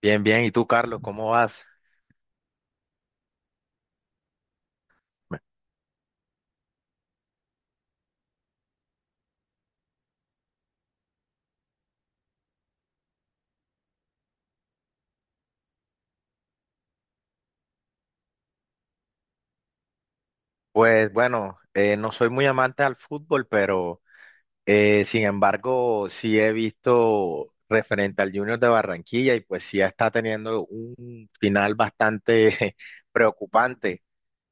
Bien, bien. ¿Y tú, Carlos, cómo vas? Pues bueno, no soy muy amante al fútbol, pero sin embargo sí he visto referente al Junior de Barranquilla y pues sí está teniendo un final bastante preocupante,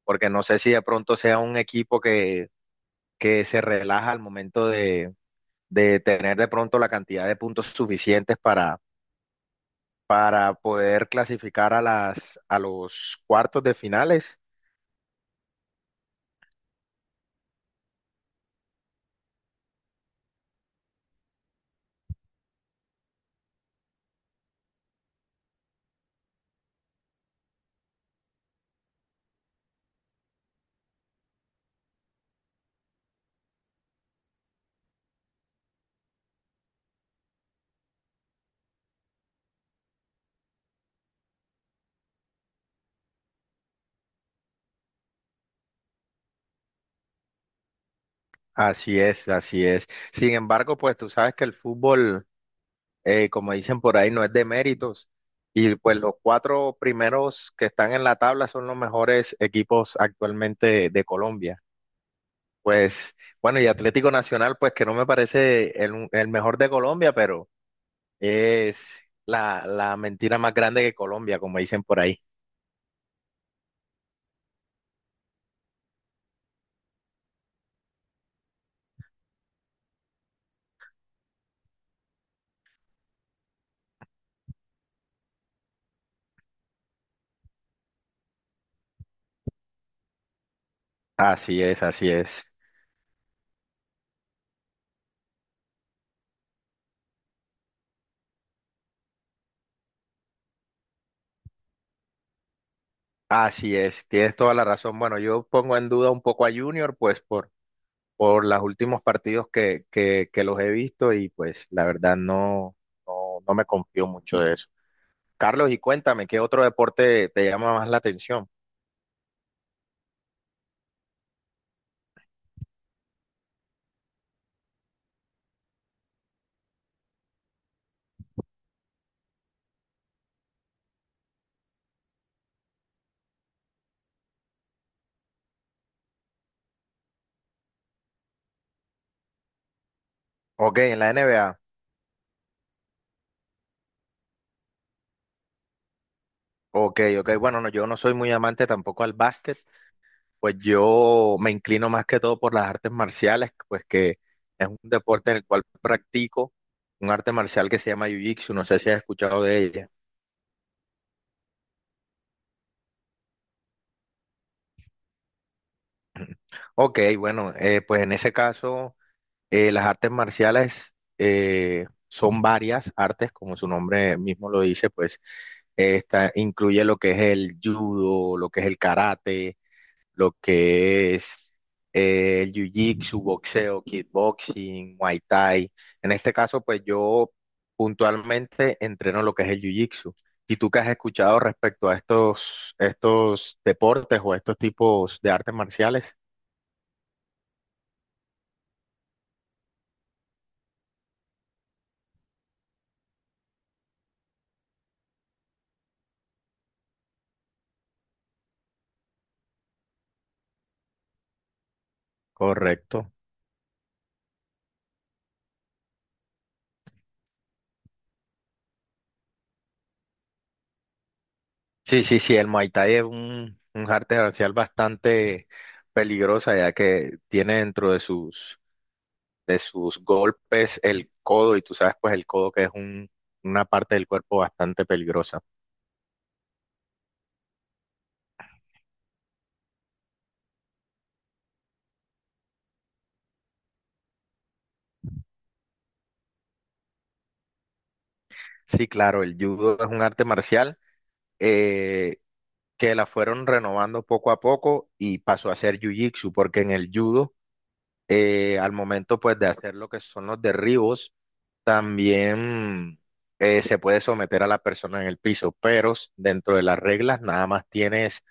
porque no sé si de pronto sea un equipo que se relaja al momento de tener de pronto la cantidad de puntos suficientes para poder clasificar a a los cuartos de finales. Así es, así es. Sin embargo, pues tú sabes que el fútbol, como dicen por ahí, no es de méritos. Y pues los cuatro primeros que están en la tabla son los mejores equipos actualmente de Colombia. Pues bueno, y Atlético Nacional, pues que no me parece el mejor de Colombia, pero es la mentira más grande que Colombia, como dicen por ahí. Así es, así es. Así es, tienes toda la razón. Bueno, yo pongo en duda un poco a Junior, pues por los últimos partidos que los he visto y pues la verdad no me confío mucho de eso. Carlos, y cuéntame, ¿qué otro deporte te llama más la atención? Ok, en la NBA. Ok, ok, bueno, no, yo no soy muy amante tampoco al básquet, pues yo me inclino más que todo por las artes marciales, pues que es un deporte en el cual practico un arte marcial que se llama Jiu-Jitsu, no sé si has escuchado de ella. Ok, bueno, pues en ese caso. Las artes marciales son varias artes, como su nombre mismo lo dice, pues esta incluye lo que es el judo, lo que es el karate, lo que es el jiu-jitsu, boxeo, kickboxing, muay thai. En este caso, pues yo puntualmente entreno lo que es el jiu-jitsu. ¿Y tú qué has escuchado respecto a estos deportes o estos tipos de artes marciales? Correcto. Sí, el Muay Thai es un arte marcial bastante peligrosa, ya que tiene dentro de sus golpes el codo, y tú sabes, pues el codo que es un- una parte del cuerpo bastante peligrosa. Sí, claro, el judo es un arte marcial eh, que la fueron renovando poco a poco y pasó a ser jiu-jitsu, porque en el judo, al momento pues de hacer lo que son los derribos, también se puede someter a la persona en el piso, pero s- dentro de las reglas nada más tienes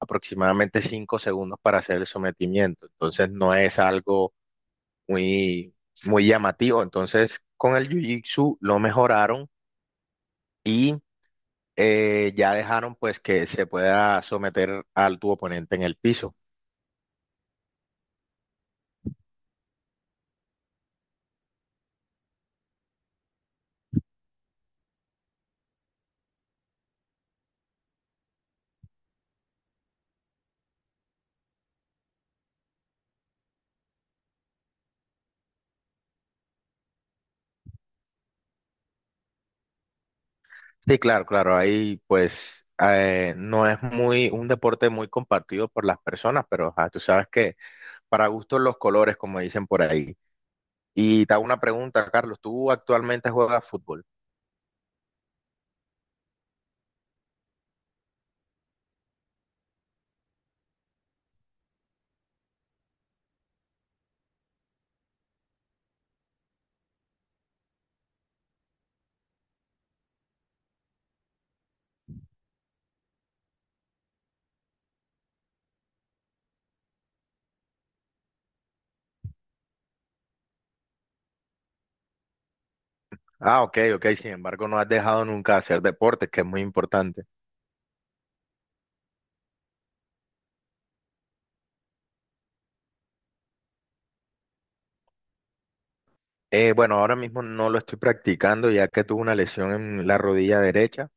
aproximadamente 5 segundos para hacer el sometimiento. Entonces no es algo muy, muy llamativo. Entonces con el Jiu-Jitsu lo mejoraron y ya dejaron pues que se pueda someter al tu oponente en el piso. Sí, claro, claro, ahí pues no es muy un deporte muy compartido por las personas, pero ajá, tú sabes que para gustos los colores, como dicen por ahí. Y te hago una pregunta, Carlos, ¿tú actualmente juegas fútbol? Ah, ok, ok, sin embargo no has dejado nunca de hacer deportes, que es muy importante. Bueno, ahora mismo no lo estoy practicando ya que tuve una lesión en la rodilla derecha,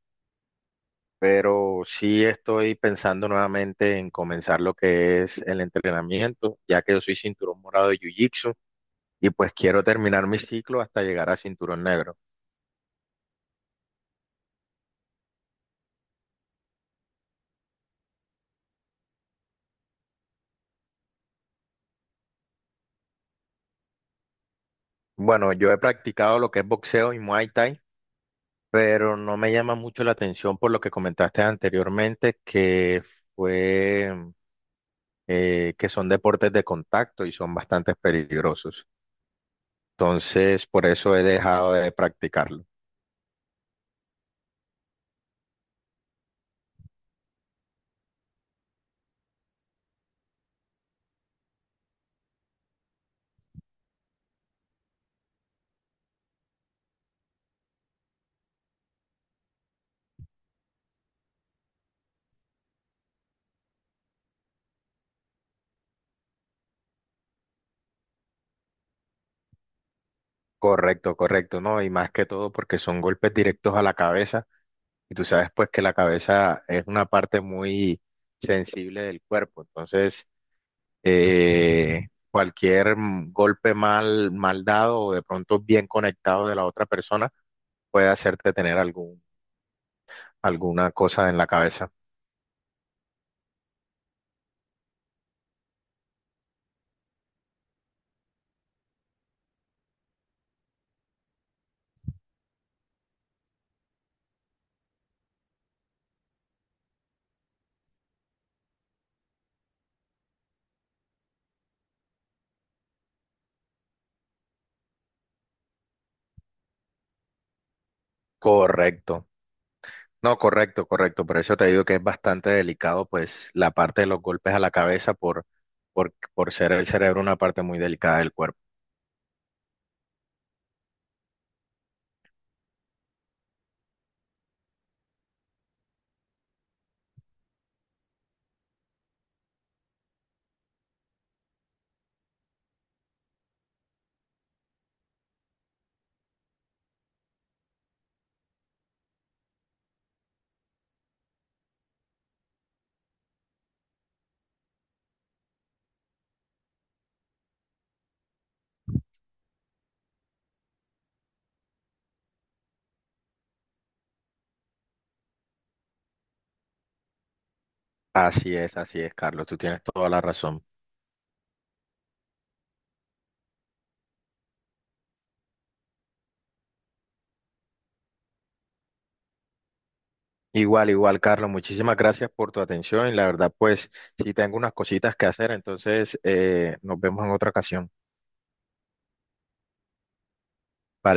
pero sí estoy pensando nuevamente en comenzar lo que es el entrenamiento, ya que yo soy cinturón morado de Jiu-Jitsu y pues quiero terminar mi ciclo hasta llegar a cinturón negro. Bueno, yo he practicado lo que es boxeo y Muay Thai pero no me llama mucho la atención por lo que comentaste anteriormente, que fue que son deportes de contacto y son bastante peligrosos. Entonces, por eso he dejado de practicarlo. Correcto, correcto, ¿no? Y más que todo porque son golpes directos a la cabeza y tú sabes pues que la cabeza es una parte muy sensible del cuerpo. Entonces, cualquier golpe mal, mal dado o de pronto bien conectado de la otra persona puede hacerte tener algún, alguna cosa en la cabeza. Correcto. No, correcto, correcto. Por eso te digo que es bastante delicado, pues, la parte de los golpes a la cabeza por ser el cerebro una parte muy delicada del cuerpo. Así es, Carlos. Tú tienes toda la razón. Igual, igual, Carlos. Muchísimas gracias por tu atención. Y la verdad, pues, sí tengo unas cositas que hacer. Entonces, nos vemos en otra ocasión. Bye.